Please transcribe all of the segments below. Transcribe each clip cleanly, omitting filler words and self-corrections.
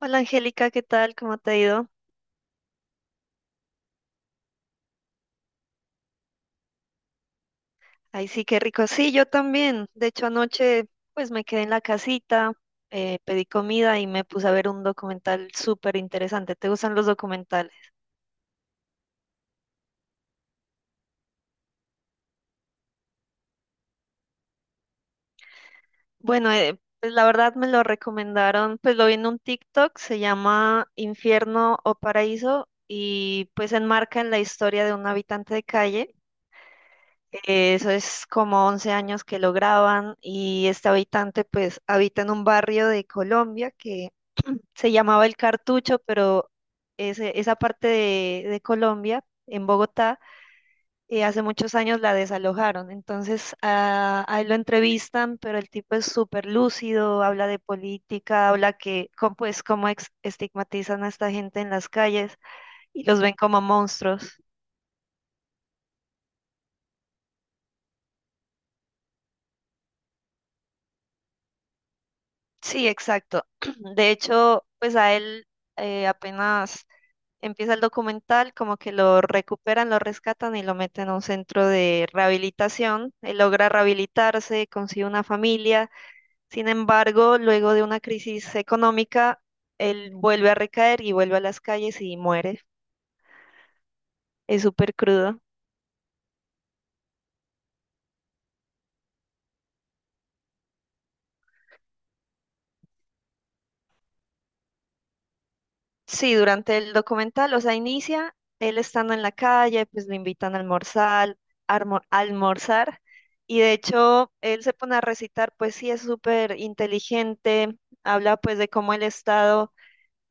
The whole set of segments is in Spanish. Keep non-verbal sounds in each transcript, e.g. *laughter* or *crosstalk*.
Hola Angélica, ¿qué tal? ¿Cómo te ha ido? Ay, sí, qué rico. Sí, yo también. De hecho, anoche pues me quedé en la casita, pedí comida y me puse a ver un documental súper interesante. ¿Te gustan los documentales? Bueno, pues la verdad me lo recomendaron, pues lo vi en un TikTok, se llama Infierno o Paraíso y pues enmarca en la historia de un habitante de calle. Eso es como 11 años que lo graban y este habitante pues habita en un barrio de Colombia que se llamaba El Cartucho, pero esa parte de Colombia, en Bogotá, hace muchos años la desalojaron. Entonces a él lo entrevistan, pero el tipo es súper lúcido, habla de política, habla que, cómo, pues, cómo estigmatizan a esta gente en las calles y los ven como monstruos. Sí, exacto. *clears throat* De hecho, pues a él apenas empieza el documental, como que lo recuperan, lo rescatan y lo meten a un centro de rehabilitación. Él logra rehabilitarse, consigue una familia. Sin embargo, luego de una crisis económica, él vuelve a recaer y vuelve a las calles y muere. Es súper crudo. Sí, durante el documental, o sea, inicia él estando en la calle, pues lo invitan a almorzar, almorzar, y de hecho él se pone a recitar, pues sí es súper inteligente, habla pues de cómo el Estado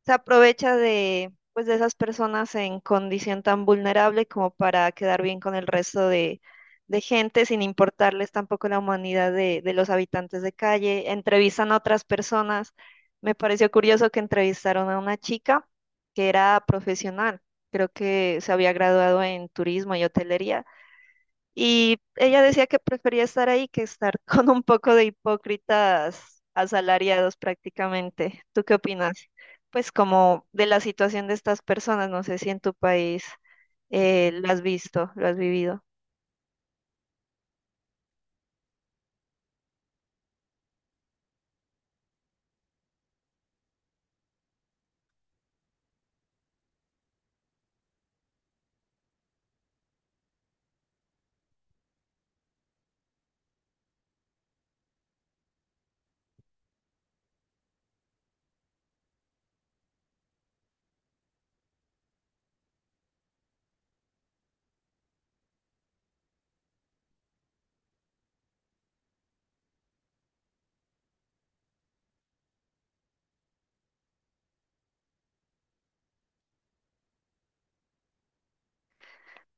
se aprovecha de, pues, de esas personas en condición tan vulnerable como para quedar bien con el resto de gente, sin importarles tampoco la humanidad de los habitantes de calle. Entrevistan a otras personas. Me pareció curioso que entrevistaron a una chica que era profesional, creo que se había graduado en turismo y hotelería, y ella decía que prefería estar ahí que estar *laughs* con un poco de hipócritas asalariados prácticamente. ¿Tú qué opinas? Pues como de la situación de estas personas, no sé si en tu país lo has visto, lo has vivido.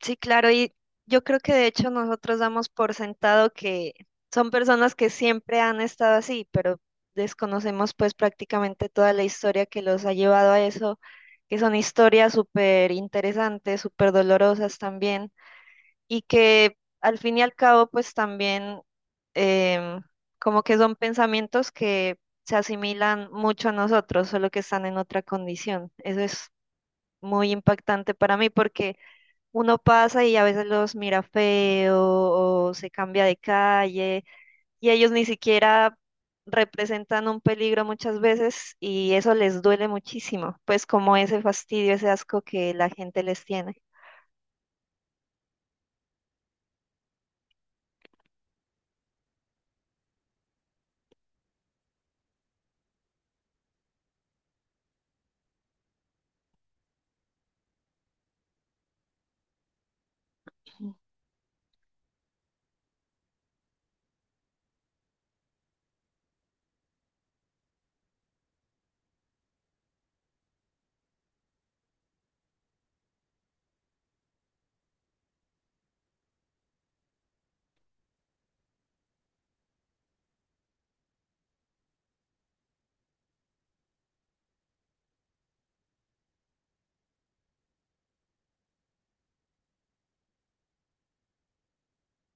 Sí, claro, y yo creo que de hecho nosotros damos por sentado que son personas que siempre han estado así, pero desconocemos pues prácticamente toda la historia que los ha llevado a eso, que son historias súper interesantes, súper dolorosas también. Y que al fin y al cabo pues también em, como que son pensamientos que se asimilan mucho a nosotros, solo que están en otra condición. Eso es muy impactante para mí porque uno pasa y a veces los mira feo o se cambia de calle y ellos ni siquiera representan un peligro muchas veces y eso les duele muchísimo, pues como ese fastidio, ese asco que la gente les tiene.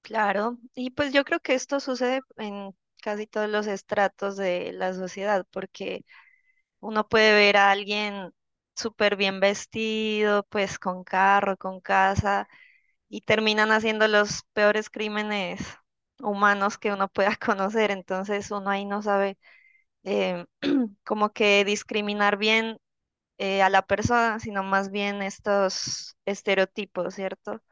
Claro, y pues yo creo que esto sucede en casi todos los estratos de la sociedad, porque uno puede ver a alguien súper bien vestido, pues con carro, con casa, y terminan haciendo los peores crímenes humanos que uno pueda *laughs* conocer, entonces uno ahí no sabe eh, como que discriminar bien a la persona, sino más bien estos estereotipos, ¿cierto?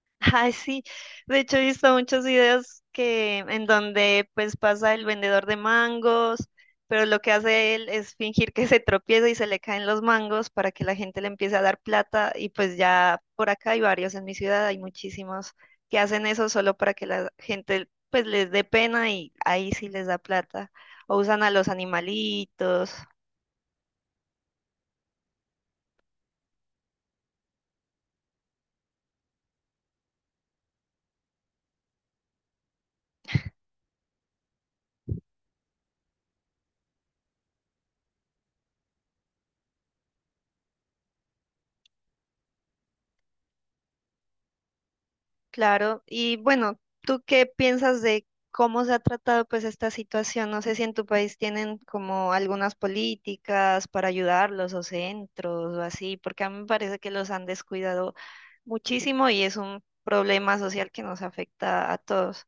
*laughs* Ay, sí. De hecho, he visto muchos videos que en donde pues pasa el vendedor de mangos, pero lo que hace él es fingir que *laughs* se tropieza y se le caen los mangos para que la gente le empiece a dar plata y pues ya por acá hay varios en mi ciudad, hay muchísimos que hacen eso solo para que la gente pues les dé pena y ahí sí les da plata. O usan a los animalitos. Claro, y bueno, ¿tú qué piensas de cómo se ha tratado pues esta situación? No sé si en tu país tienen como algunas políticas para ayudarlos o centros o así, porque a mí me parece que los han descuidado muchísimo y es un problema social que nos afecta a todos.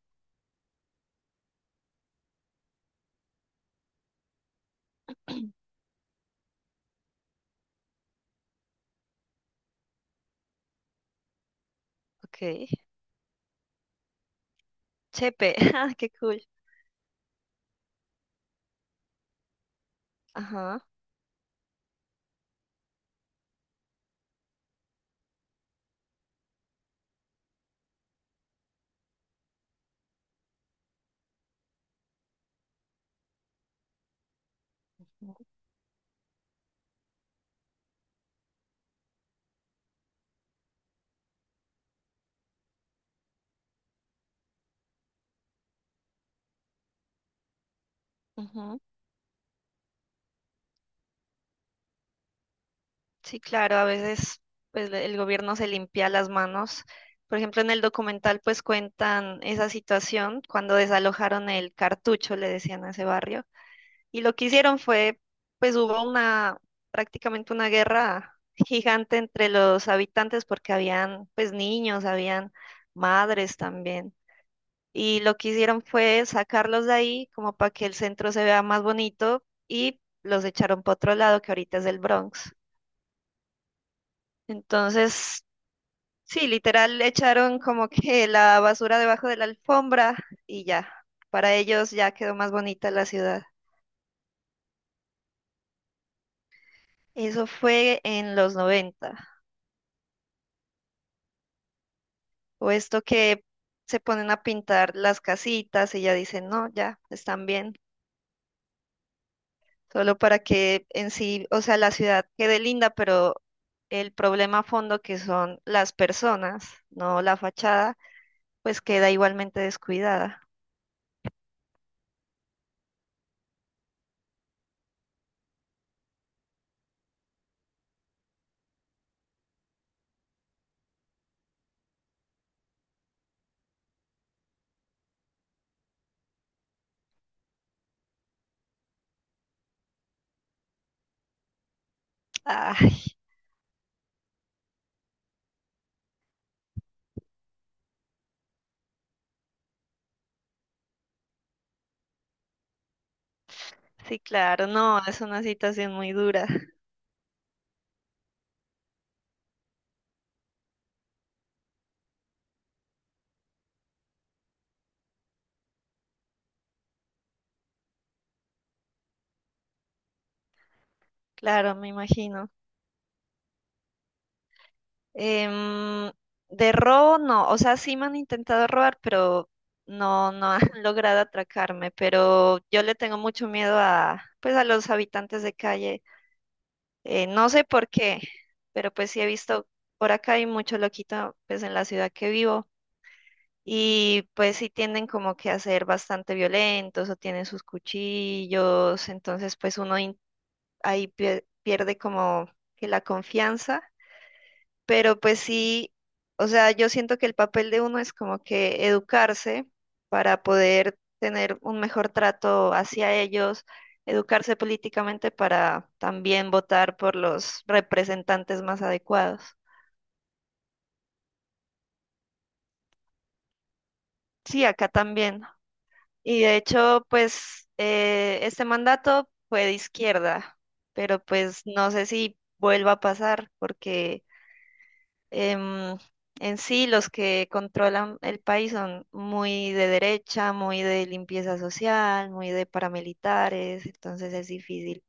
*clears throat* Ok, chepe, *laughs* ah, qué cool. Ajá. Ujú. Sí, claro, a veces pues el gobierno se limpia las manos. Por ejemplo, en el documental pues cuentan esa situación cuando desalojaron el Cartucho, le decían a ese barrio, y lo que hicieron fue pues hubo una prácticamente una guerra gigante entre los habitantes porque habían pues niños, habían madres también. Y lo que hicieron fue sacarlos de ahí como para que el centro se vea más bonito y los echaron para otro lado que ahorita es el Bronx. Entonces, sí, literal le echaron como que la basura debajo de la alfombra y ya, para ellos ya quedó más bonita la ciudad. Eso fue en los 90. O esto que se ponen a pintar las casitas y ya dicen, no, ya, están bien, solo para que en sí, o sea, la ciudad quede linda, pero el problema a fondo que son las personas, no la fachada, pues queda igualmente descuidada. Ay, sí, claro, no, es una situación muy dura. Claro, me imagino. Em, de robo, no. O sea, sí me han intentado robar, pero no, no han *laughs* logrado atracarme. Pero yo le tengo mucho miedo a, pues, a los habitantes de calle. No sé por qué, pero pues sí he visto, por acá hay mucho loquito, pues, en la ciudad que vivo. Y pues sí tienden como que a ser bastante violentos o tienen sus cuchillos. Entonces, pues ahí pierde como que la confianza. Pero pues sí, o sea, yo siento que el papel de uno es como que educarse para poder tener un mejor trato hacia ellos, educarse políticamente para también votar por los representantes más adecuados. Sí, acá también. Y de hecho, pues este mandato fue de izquierda, pero pues no sé si vuelva a pasar porque em, en sí, los que controlan el país son muy de derecha, muy de limpieza social, muy de paramilitares, entonces es difícil.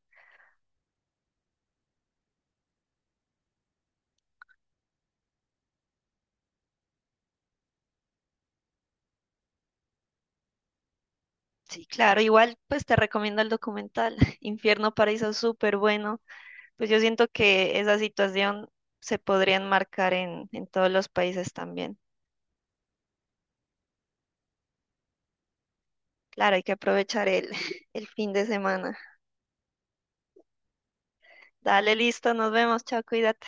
Sí, claro, igual pues te recomiendo el documental *laughs* Infierno Paraíso, súper bueno. Pues yo siento que esa situación se podría enmarcar en todos los países también. Claro, hay que aprovechar el, *laughs* el fin de semana. Dale, listo, nos vemos, chao, cuídate.